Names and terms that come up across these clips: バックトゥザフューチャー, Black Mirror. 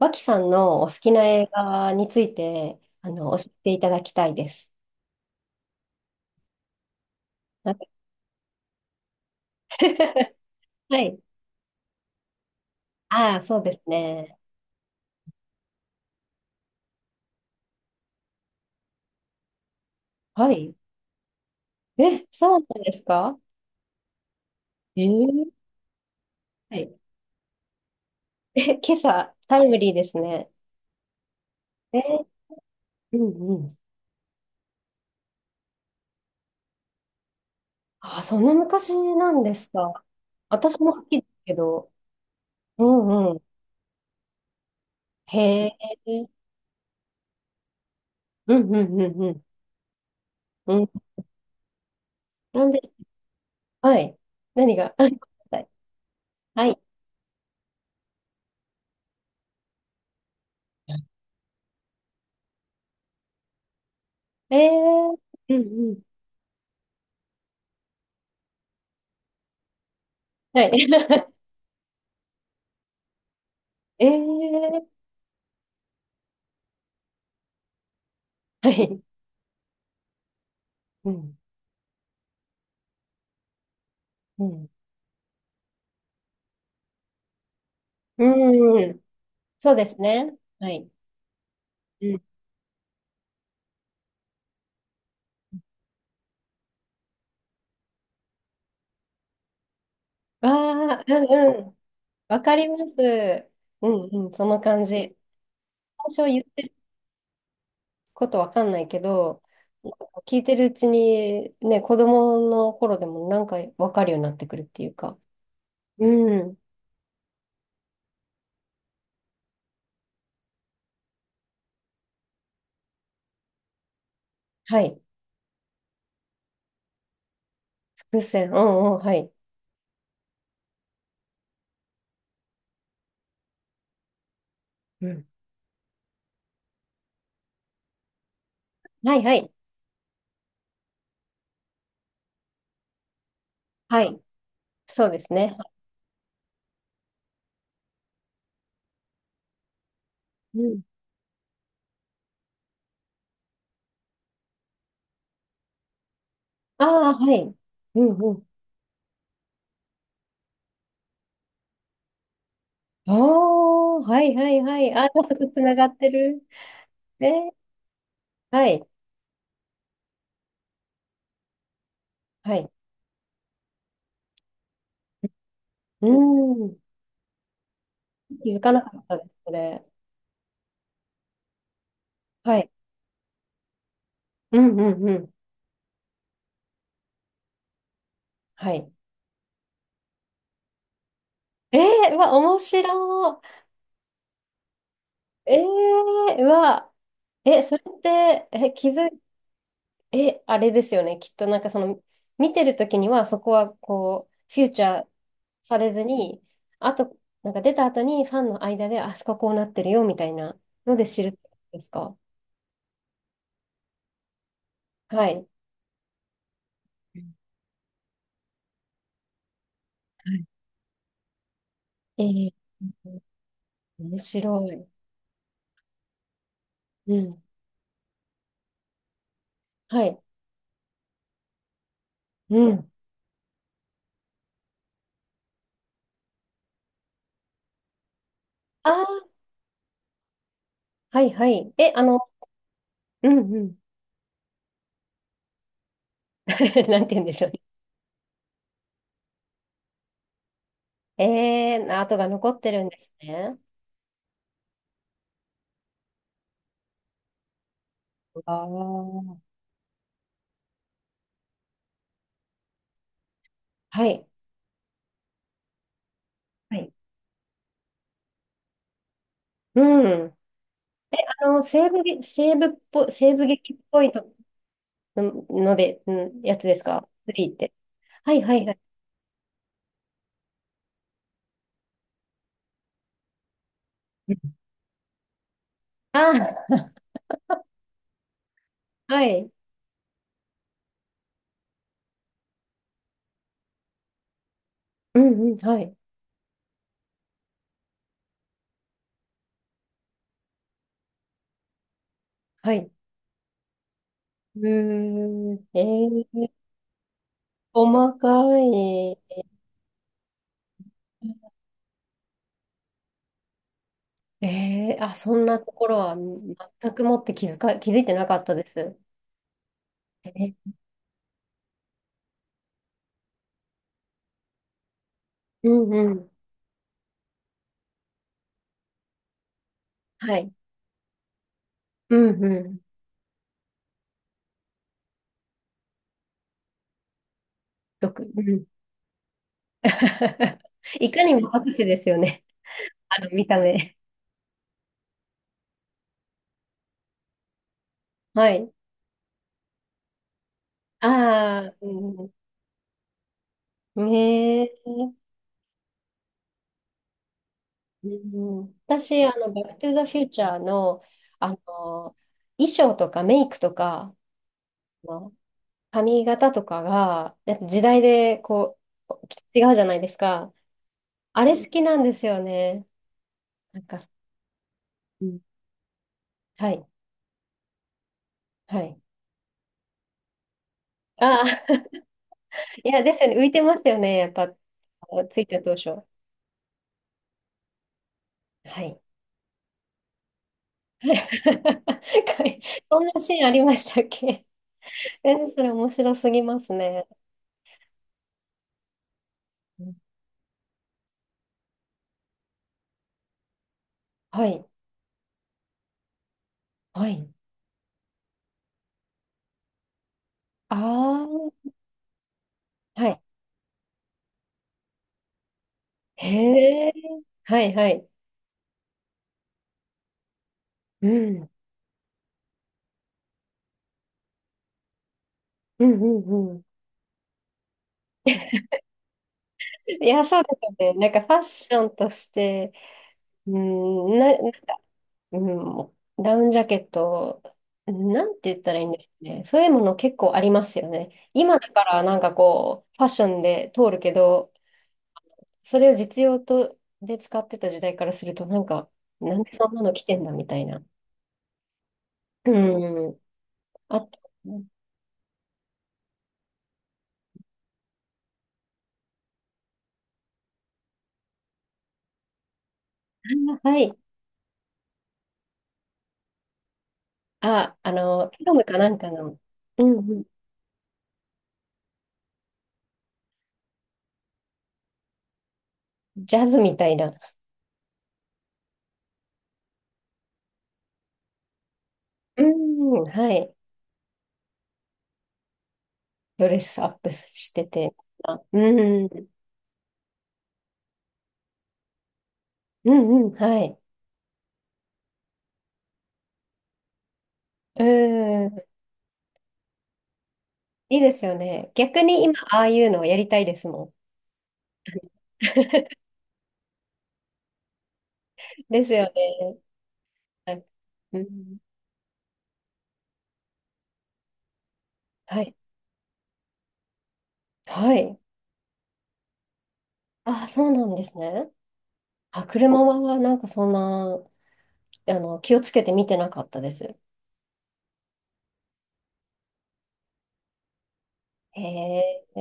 脇さんのお好きな映画について、教えていただきたいです。なんか はい。ああ、そうですね。はい。え、そうなんですか？えーはい。え、今朝、タイムリーですね。えーうんうん。ああ、そんな昔なんですか。私も好きですけど。うんうん。へえ。うんうんうんうん。うん。なんで、はい。何が、はいはい。えー、うんうん。はい。ええはい。うん。うん。うん。そうですね。はい。うん。わあ、うんうん。わかります。うんうん。その感じ。最初言ってることわかんないけど、聞いてるうちに、ね、子供の頃でもなんかわかるようになってくるっていうか。うん。はい。伏線。うんうん。はい。うん。はいはい。はい。そうですね。うん。ああ、はい。うんうんおー、はいはいはい。あ、早速つながってる。えー、はい、はい。うーん。気づかなかったです、これ。はい。うんうんうん。はい。えー、うわ、面白い。えー、うわ、え、それって、え、気づ、え、あれですよね。きっとなんか見てるときにはそこはこう、フューチャーされずに、あと、なんか出た後にファンの間で、あそここうなってるよみたいなので知るってことですか？はい。えー、面白い。うん。はい。うん。ああ、はいはい。え、あの、うんうん。なんて言うんでしょうね。えー、跡が残ってるんですね。ああ。はい。はいうん。あの、西部劇っぽいとのので、うん、やつですかフリーって。はいはいはい。ああ、はい。うんうん、はい。はい。うーん。えー、細かい。ええあ、そんなところは全くもって気づか、気づいてなかったです。え、うんうん。はい。うんうん。よく、うん いかにも博士ですよね。あの見た目。はい。ああ、うん。ねえ。うんうん私、あの、バックトゥザフューチャーの、あの、衣装とかメイクとか、あの髪型とかが、やっぱ時代でこう、違うじゃないですか。あれ好きなんですよね。なんかうん。はい。はい。ああ、いや、ですよね。浮いてますよね。やっぱ、ついた当初。はい。かいそんなシーンありましたっけ？ え、それ面白すぎますね。うんはい。はい。ああ、はい。へえ。はい、はい。うん。うん、うん、うん。いや、そうですよね。なんかファッションとして、うん、な、なんか、うん、ダウンジャケット、なんて言ったらいいんですかね。そういうもの結構ありますよね。今だからなんかこう、ファッションで通るけど、それを実用とで使ってた時代からすると、なんか、なんでそんなの着てんだみたいな。うん。あと、あはい。あ、あの、ピロムかなんかの、うんうん、ジャズみたいな。うん、はい。ドレスアップしてて。あうん、うん、うん、はい。うん、いいですよね。逆に今、ああいうのをやりたいですもん。ですよね。はいうん、はい。はい。ああ、そうなんですね。あ、車はなんかそんな、あの、気をつけて見てなかったです。へえ、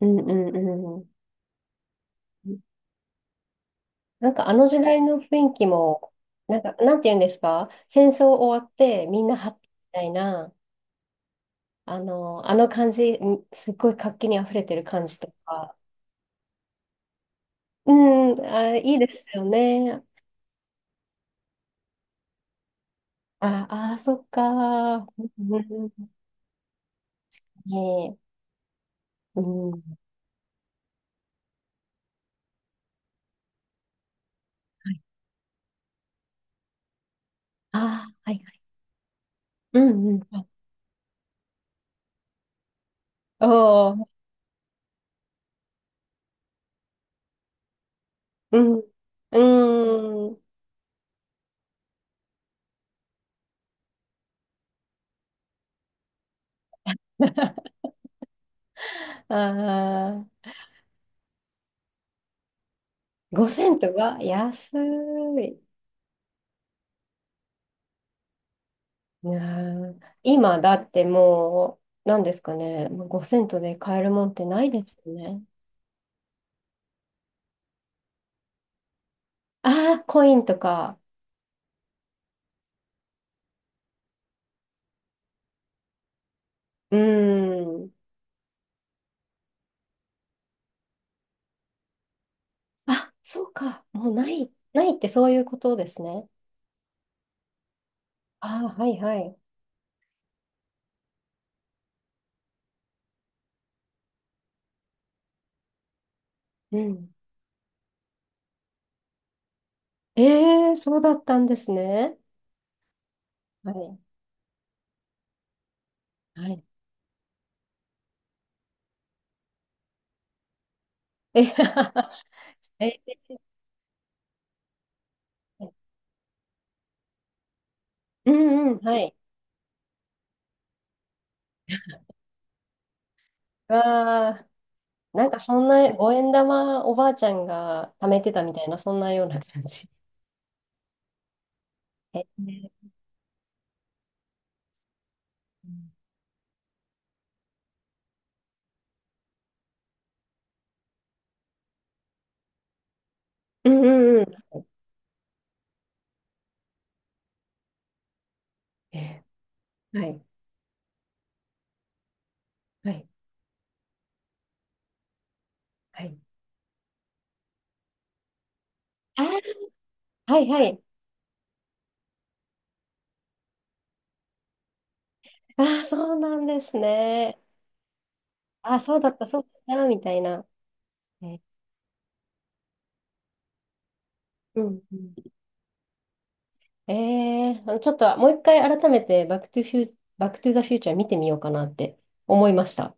うんうんうん。なんかあの時代の雰囲気も、なんか、なんて言うんですか、戦争終わってみんなハッピーみたいな、あの感じ、んすっごい活気にあふれてる感じとか、うん、あ、いいですよね。あ、あ、そっか。うんうんうんねえ、うん。はい。あ、はいはい。うんうん。あおー、うん。うん。あー、5セントが安い。なあ今だってもう、何ですかね。5セントで買えるもんってないですよね。ああ、コインとか。うん。あ、そうか。もうない。ないってそういうことですね。ああ、はいはい。うん。ええそうだったんですね。はい。はい。え、え、うんうん。はい。わあ、なんかそんな五円玉おばあちゃんが貯めてたみたいな、そんなような感じ。えー、うんうんうんえはい。はい。はい。あー、はいはい。ああ、そうなんですね。あー、そうだった、そうだった、みたいな。えんうん。えー、ちょっともう一回改めてバックトゥフュー、バックトゥザフューチャー見てみようかなって思いました。